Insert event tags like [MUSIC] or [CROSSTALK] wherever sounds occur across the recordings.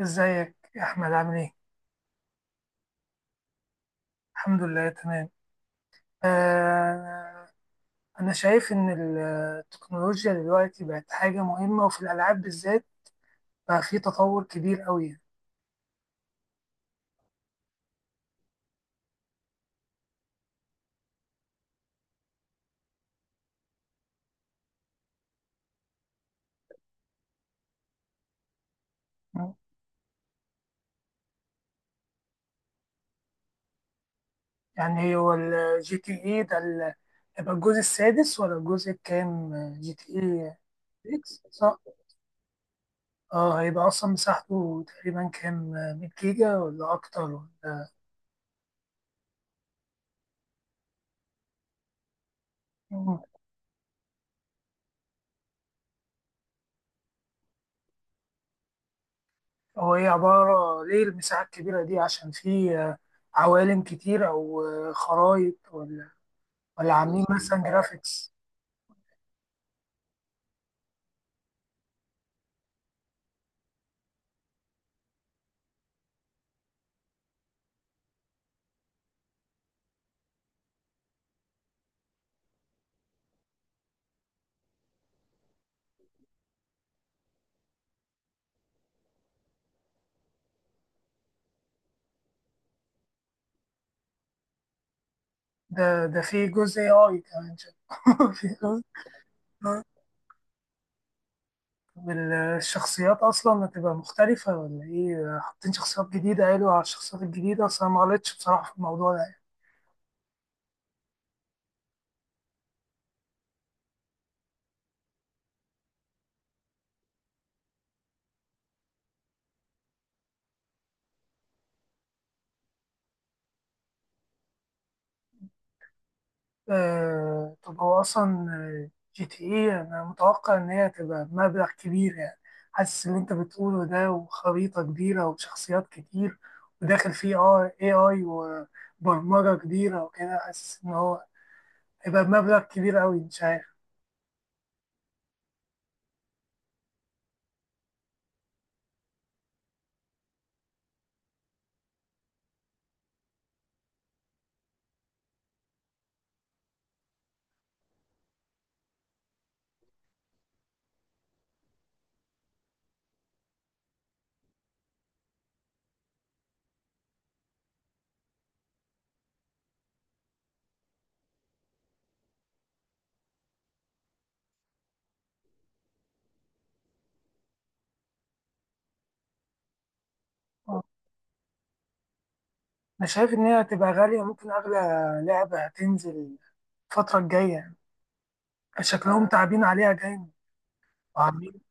ازيك يا احمد، عامل ايه؟ الحمد لله تمام. آه. انا شايف ان التكنولوجيا دلوقتي بقت حاجه مهمه، وفي الالعاب بالذات بقى في تطور كبير قوي. يعني هو الجي تي اي ده هيبقى الجزء السادس ولا الجزء الكام؟ جي تي اي 6، صح. اه، هيبقى اصلا مساحته تقريبا كام؟ 100 جيجا ولا اكتر؟ ولا هو ايه، عبارة ليه المساحة الكبيرة دي؟ عشان في عوالم كتير، او خرايط، ولا عاملين مثلا جرافيكس؟ ده في جزء اي كمان شايف؟ [LAUGHS] في جزء AI. طب، الشخصيات اصلا هتبقى مختلفة ولا ايه؟ حاطين شخصيات جديدة؟ قالوا على الشخصيات الجديدة اصلا ما غلطتش بصراحة في الموضوع ده. طب هو أصلا جي تي إيه، أنا متوقع إن هي تبقى بمبلغ كبير يعني. حاسس اللي أنت بتقوله ده، وخريطة كبيرة وشخصيات كتير، وداخل فيه AI وبرمجة كبيرة وكده، حاسس إن هو هيبقى بمبلغ كبير أوي، مش عارف. آه، أنا شايف إن هي هتبقى غالية، ممكن أغلى لعبة هتنزل الفترة الجاية يعني. شكلهم تعبين عليها جامد وعاملين.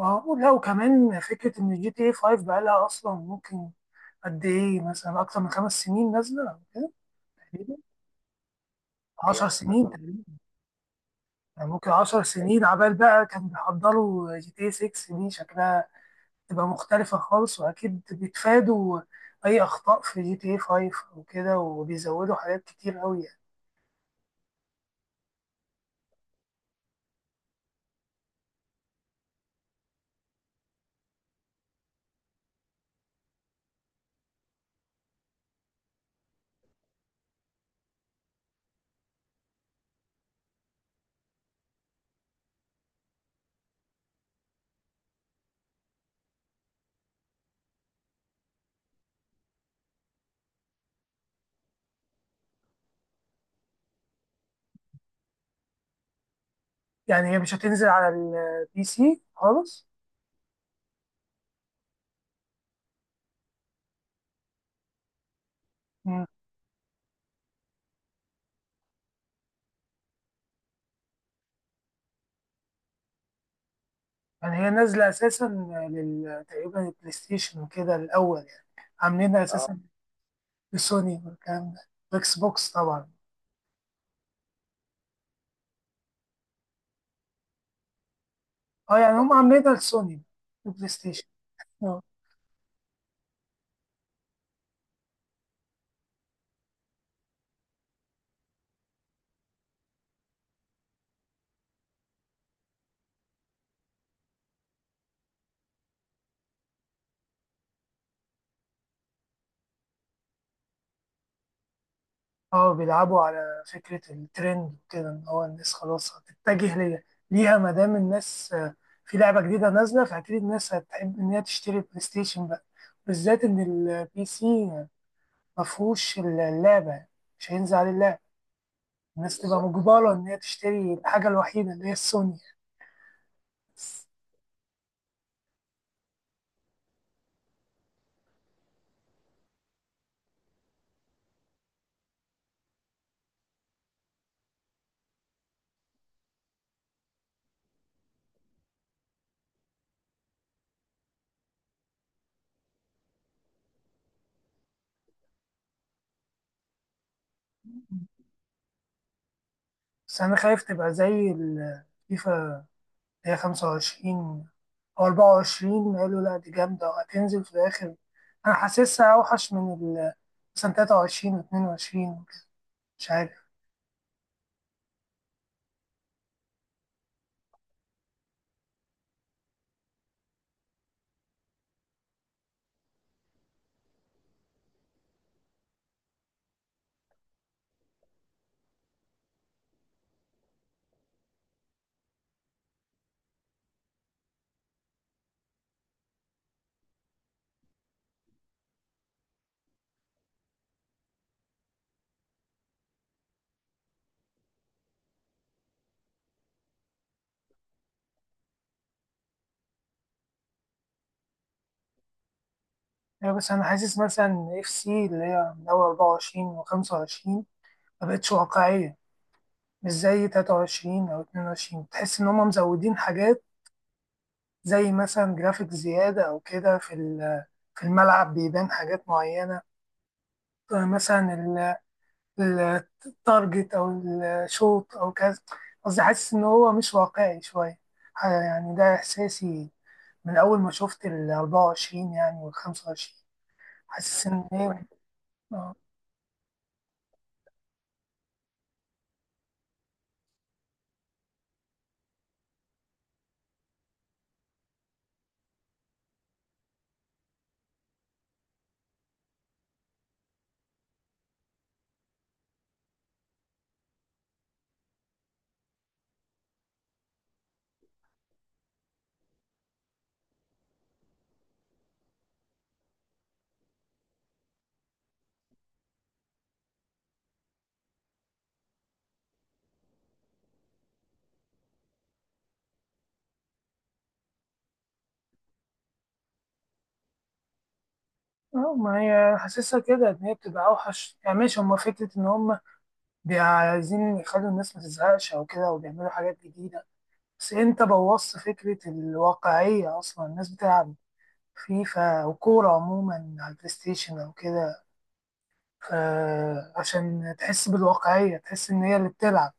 لا، وكمان فكرة إن جي تي إيه 5 بقالها أصلا ممكن قد ايه، مثلا اكتر من 5 سنين نازله كده. تقريبا 10 هي سنين مثلا تقريبا، يعني ممكن 10 سنين عبال بقى كانوا بيحضروا جي تي 6. دي شكلها تبقى مختلفه خالص، واكيد بيتفادوا اي اخطاء في جي تي 5 وكده، وبيزودوا حاجات كتير قوي يعني. يعني هي مش هتنزل على البي سي خالص؟ مم. يعني هي نازله اساسا لل تقريبا البلاي ستيشن وكده الاول يعني، عاملينها اساسا لسوني والكلام ده، اكس بوكس طبعا. اه، يعني هم عاملينها لسوني، بلاي ستيشن. اه. اه بيلعبوا على فكرة الترند وكده، ان هو الناس خلاص هتتجه ليها. ليها ما دام الناس في لعبة جديدة نازلة، فأكيد الناس هتحب إن هي تشتري البلاي ستيشن بقى، بالذات إن البي سي مفهوش اللعبة، مش هينزل عليه اللعبة. الناس تبقى بالظبط مجبرة إن هي تشتري الحاجة الوحيدة اللي هي السوني بس بس أنا خايف تبقى زي الفيفا. هي 25 أو 24 قالوا لأ دي جامدة وهتنزل في الآخر. أنا حاسسها أوحش من ال، مثلا، 23 واتنين وعشرين وكده، مش عارف. يعني بس أنا حاسس مثلا إف سي اللي هي من أول 24 وخمسة وعشرين مبقتش واقعية. مش زي 23 أو 22، تحس إن هما مزودين حاجات زي مثلا جرافيك زيادة أو كده في في الملعب بيبان حاجات معينة، مثلا التارجت او الشوط او كذا. قصدي حاسس ان هو مش واقعي شويه. يعني ده احساسي من اول ما شفت ال 24 يعني وال 25. حاسس ان هي اه ما هي حاسسها كده ان هي بتبقى اوحش يعني، ماشي، هما فكره ان هما عايزين يخلوا الناس ما تزهقش او كده، وبيعملوا حاجات جديده، بس انت بوظت فكره الواقعيه. اصلا الناس بتلعب فيفا وكوره عموما على البلاي ستيشن او كده، فعشان تحس بالواقعية، تحس إن هي اللي بتلعب،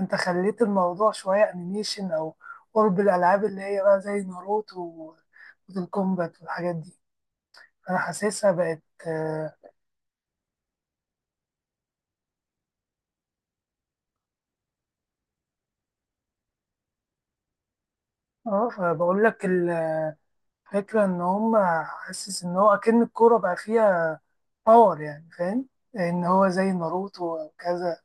أنت خليت الموضوع شوية أنيميشن أو قرب الألعاب اللي هي بقى زي ناروتو وموتال كومبات والحاجات دي. أنا حاسسها بقت آه فبقول لك الفكرة إن هما، حاسس إن هو أكن الكورة بقى فيها باور، يعني فاهم، إن هو زي ناروتو أو كذا.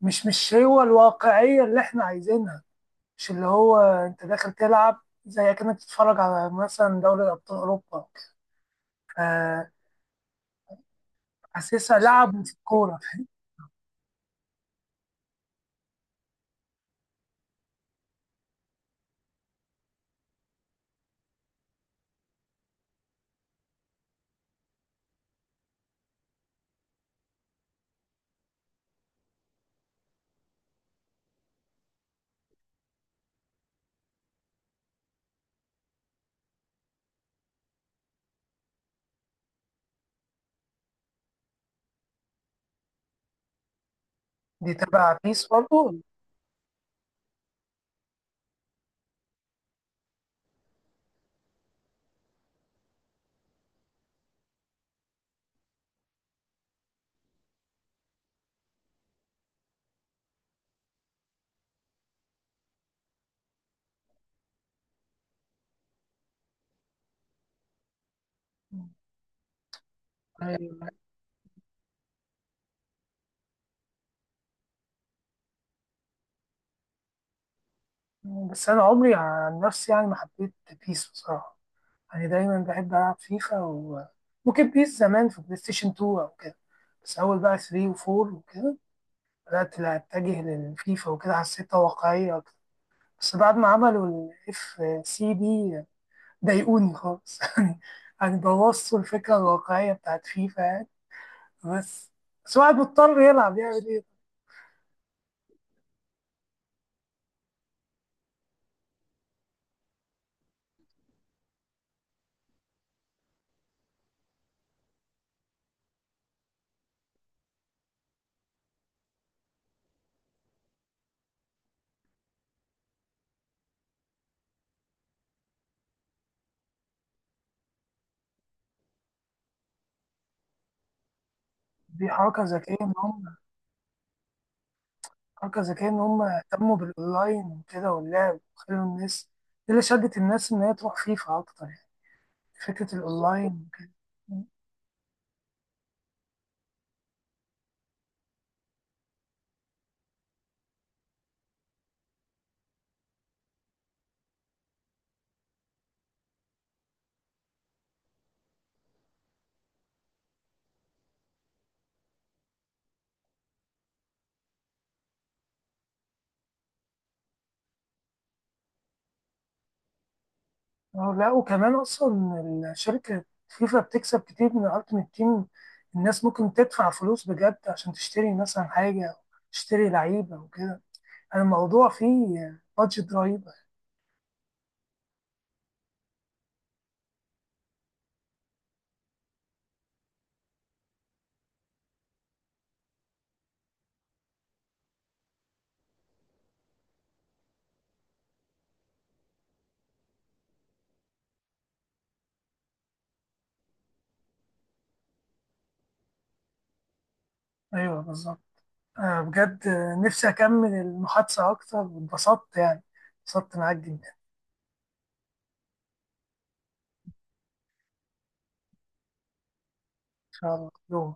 مش هو الواقعية اللي إحنا عايزينها، مش اللي هو أنت داخل تلعب زي كأنك تتفرج على مثلا دوري أبطال أوروبا. فحاسسها لعبوا في الكورة، فاهم؟ دي تبع بيس برضه. أيوة. بس أنا عمري عن نفسي يعني ما حبيت بيس بصراحة، يعني دايما بحب ألعب فيفا، وممكن بيس زمان في بلاي ستيشن 2 أو كده. بس أول بقى 3 و4 وكده بدأت لا أتجه للفيفا وكده، حسيتها واقعية أكتر. بس بعد ما عملوا الاف سي دي ضايقوني خالص [LAUGHS] يعني. يعني بوظوا الفكرة الواقعية بتاعت فيفا يعني. بس بس الواحد مضطر يلعب، يعمل إيه؟ دي حركة ذكية إن هم، حركة ذكية إن هم اهتموا بالأونلاين وكده واللعب، وخلوا الناس، دي اللي شدت الناس إن هي تروح فيفا أكتر يعني. فكرة الأونلاين وكده. لا وكمان أصلا الشركة فيفا بتكسب كتير من الألتيميت تيم. الناس ممكن تدفع فلوس بجد عشان تشتري مثلا حاجة أو تشتري لعيبة وكده، يعني الموضوع فيه بادجت رهيبة. أيوه بالظبط. بجد، نفسي أكمل المحادثة أكتر، واتبسطت يعني. اتبسطت معاك جدا. شاء الله يوم.